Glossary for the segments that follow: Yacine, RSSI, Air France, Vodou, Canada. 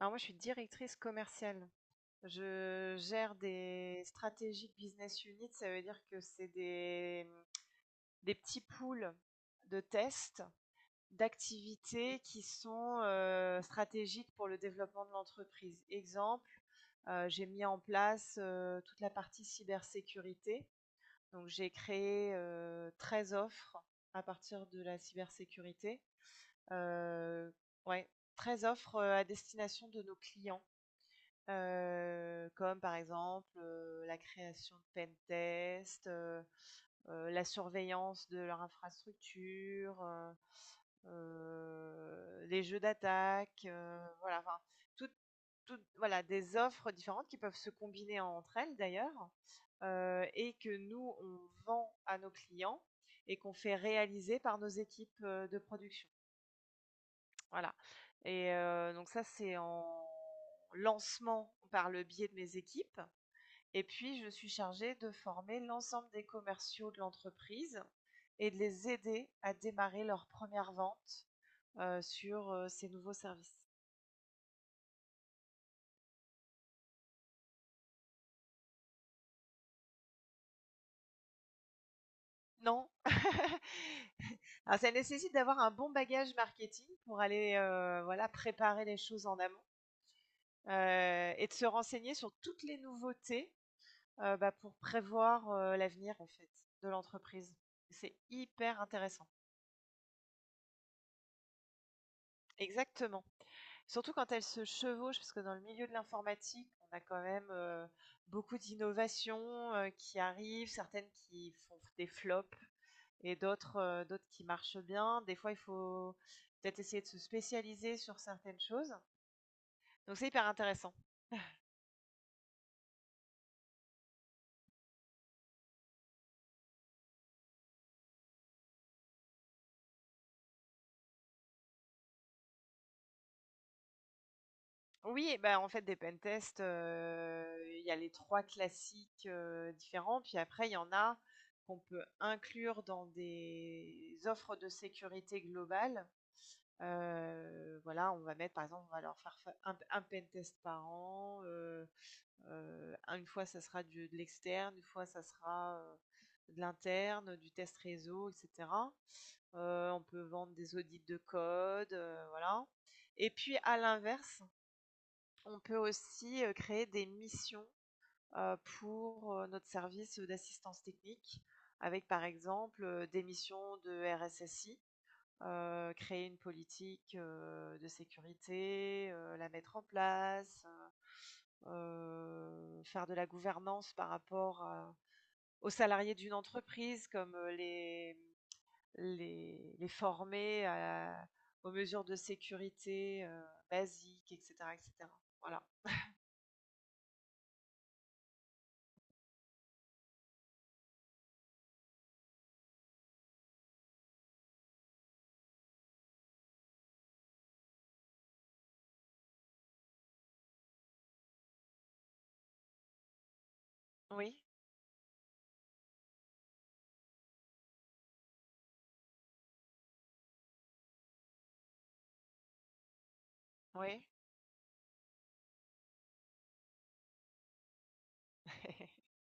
Alors moi, je suis directrice commerciale. Je gère des stratégies business units, ça veut dire que c'est des petits pools de tests, d'activités qui sont stratégiques pour le développement de l'entreprise. Exemple, j'ai mis en place toute la partie cybersécurité. Donc j'ai créé 13 offres à partir de la cybersécurité. Euh, ouais, 13 offres à destination de nos clients, comme par exemple, la création de pentests, la surveillance de leur infrastructure, les jeux d'attaque, voilà, enfin toutes toutes voilà des offres différentes qui peuvent se combiner entre elles d'ailleurs, et que nous on vend à nos clients et qu'on fait réaliser par nos équipes, de production. Voilà. Et donc ça c'est en lancement par le biais de mes équipes et puis, je suis chargée de former l'ensemble des commerciaux de l'entreprise et de les aider à démarrer leur première vente sur ces nouveaux services. Non. Alors, ça nécessite d'avoir un bon bagage marketing pour aller voilà, préparer les choses en amont, et de se renseigner sur toutes les nouveautés, pour prévoir l'avenir en fait de l'entreprise. C'est hyper intéressant. Exactement. Surtout quand elles se chevauchent, parce que dans le milieu de l'informatique, on a quand même beaucoup d'innovations qui arrivent, certaines qui font des flops et d'autres d'autres qui marchent bien. Des fois, il faut peut-être essayer de se spécialiser sur certaines choses. Donc c'est hyper intéressant. Oui, et ben en fait des pentests, il y a les trois classiques différents, puis après il y en a qu'on peut inclure dans des offres de sécurité globale. Voilà, on va mettre par exemple, on va leur faire fa un pen test par an, une fois ça sera du de l'externe, une fois ça sera, de l'interne, du test réseau et cetera. On peut vendre des audits de code, voilà, et puis à l'inverse, on peut aussi, créer des missions, pour notre service d'assistance technique, avec par exemple, des missions de RSSI, créer une politique, de sécurité, la mettre en place, faire de la gouvernance par rapport à aux salariés d'une entreprise comme, les les former à aux mesures de sécurité, basiques et cetera et cetera. Voilà. Oui, oui.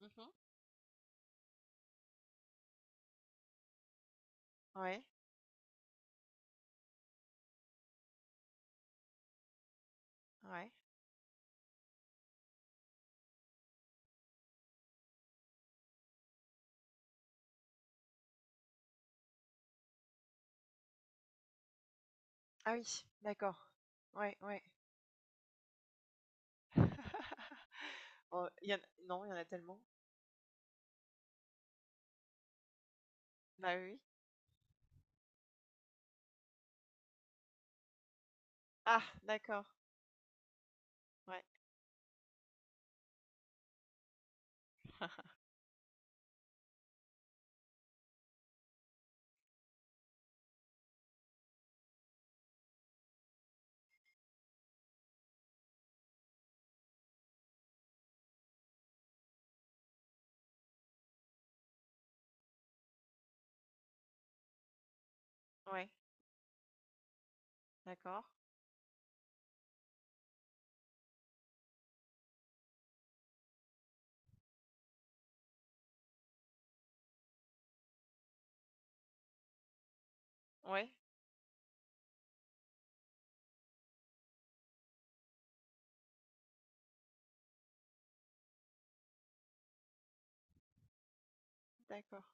Mmh mh. Ouais, ouais. Ah oui, d'accord. Ouais, ouais. Il y en non, il y en a tellement. Bah, oui, oui. Ah d'accord. Ouais, ouais. D'accord. Ouais, d'accord.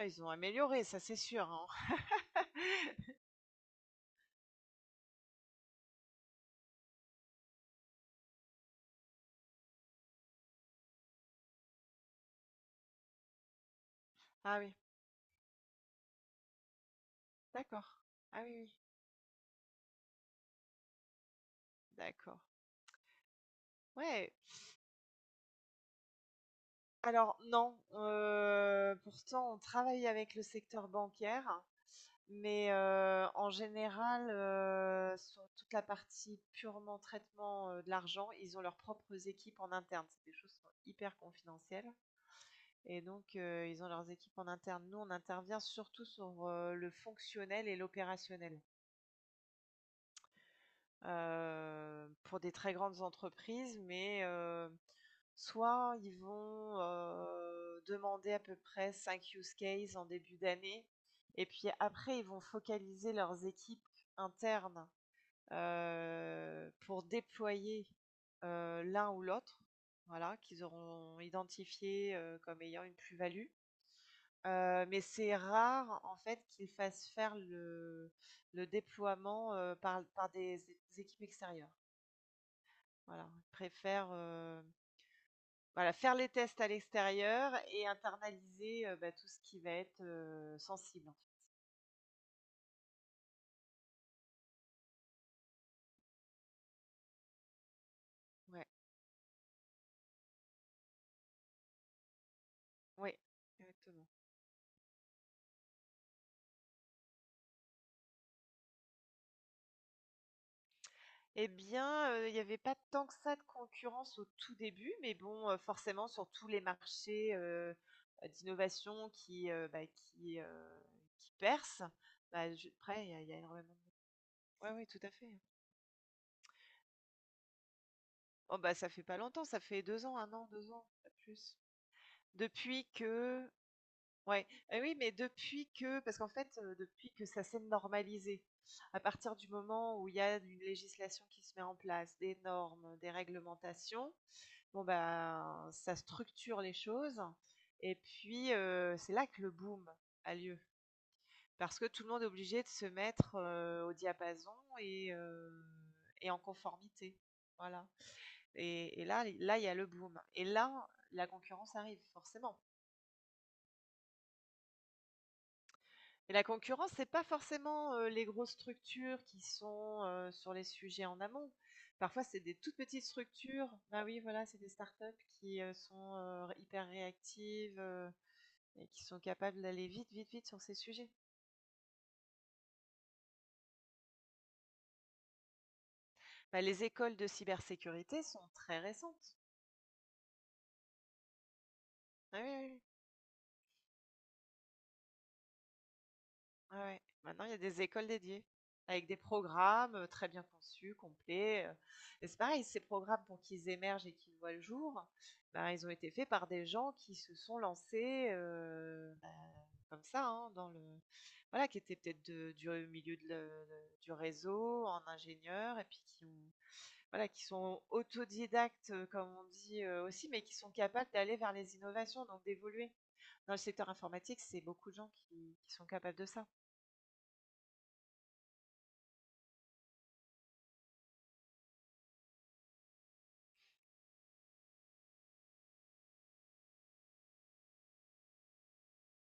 Ah, ils ont amélioré, ça c'est sûr, hein. Ah oui, d'accord. Ah oui, oui, d'accord. Ouais. Alors non, pourtant on travaille avec le secteur bancaire, mais en général, sur toute la partie purement traitement de l'argent, ils ont leurs propres équipes en interne. C'est des choses qui sont hyper confidentielles. Et donc, ils ont leurs équipes en interne. Nous, on intervient surtout sur le fonctionnel et l'opérationnel. Pour des très grandes entreprises, mais soit ils vont, demander à peu près 5 use cases en début d'année et puis après ils vont focaliser leurs équipes internes, pour déployer, l'un ou l'autre, voilà, qu'ils auront identifié, comme ayant une plus-value. Mais c'est rare en fait qu'ils fassent faire le déploiement, par des é équipes extérieures. Voilà, ils préfèrent, voilà, faire les tests à l'extérieur et internaliser, tout ce qui va être, sensible, en fait. Ouais, ouais, exactement. Eh bien, il y avait pas tant que ça de concurrence au tout début, mais bon, forcément sur tous les marchés, d'innovation qui, qui percent, bah, je après il y a Il y a énormément de. Ouais, ouais, tout à fait. Oh, bah, ça fait pas longtemps, ça fait 2 ans, un an, 2 ans, pas plus. Depuis que. Ouais, oui, mais depuis que parce qu'en fait, depuis que ça s'est normalisé, à partir du moment où il y a une législation qui se met en place, des normes, des réglementations, bon, ben, ça structure les choses et puis, c'est là que le boom a lieu. Parce que tout le monde est obligé de se mettre, au diapason et heu et en conformité. Voilà. Et là, il y a le boom et là, la concurrence arrive, forcément. Et la concurrence, c'est pas forcément, les grosses structures qui sont, sur les sujets en amont. Parfois, c'est des toutes petites structures. Bah oui, voilà, c'est des startups qui, sont, hyper réactives, et qui sont capables d'aller vite, vite, vite sur ces sujets. Bah, les écoles de cybersécurité sont très récentes. Ah oui, oui, oui. Ouais, ouais. Maintenant, il y a des écoles dédiées, avec des programmes très bien conçus, complets. Et c'est pareil, ces programmes, pour qu'ils émergent et qu'ils voient le jour, ben, ils ont été faits par des gens qui se sont lancés comme ça, hein, dans le… Voilà, qui étaient peut-être du milieu de du réseau, en ingénieur, et puis voilà, qui sont autodidactes, comme on dit aussi, mais qui sont capables d'aller vers les innovations, donc d'évoluer. Dans le secteur informatique, c'est beaucoup de gens qui sont capables de ça.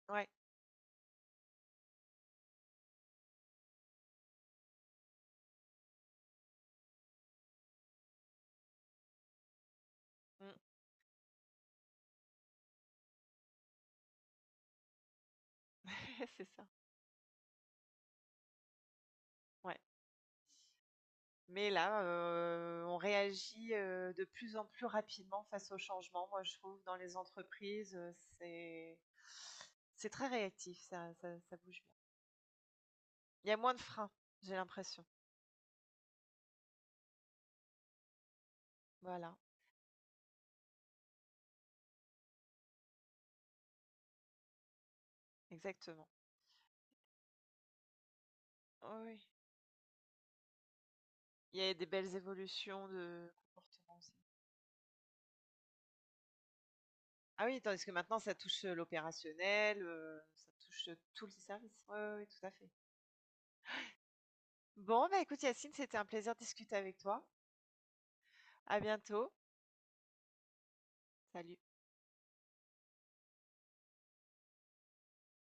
Ouais, mmh. C'est ça, ouais. Mais là, on réagit, de plus en plus rapidement face aux changements. Moi, je trouve dans les entreprises, c'est c'est très réactif, ça bouge bien. Il y a moins de freins, j'ai l'impression. Voilà, exactement. Oui, oui. Il y a des belles évolutions de comportement aussi. Ah oui, tandis que maintenant ça touche, l'opérationnel, ça touche, tous les services. Oui, ouais, ouais, tout à fait. Bon, bah, écoute Yacine, c'était un plaisir de discuter avec toi. À bientôt. Salut.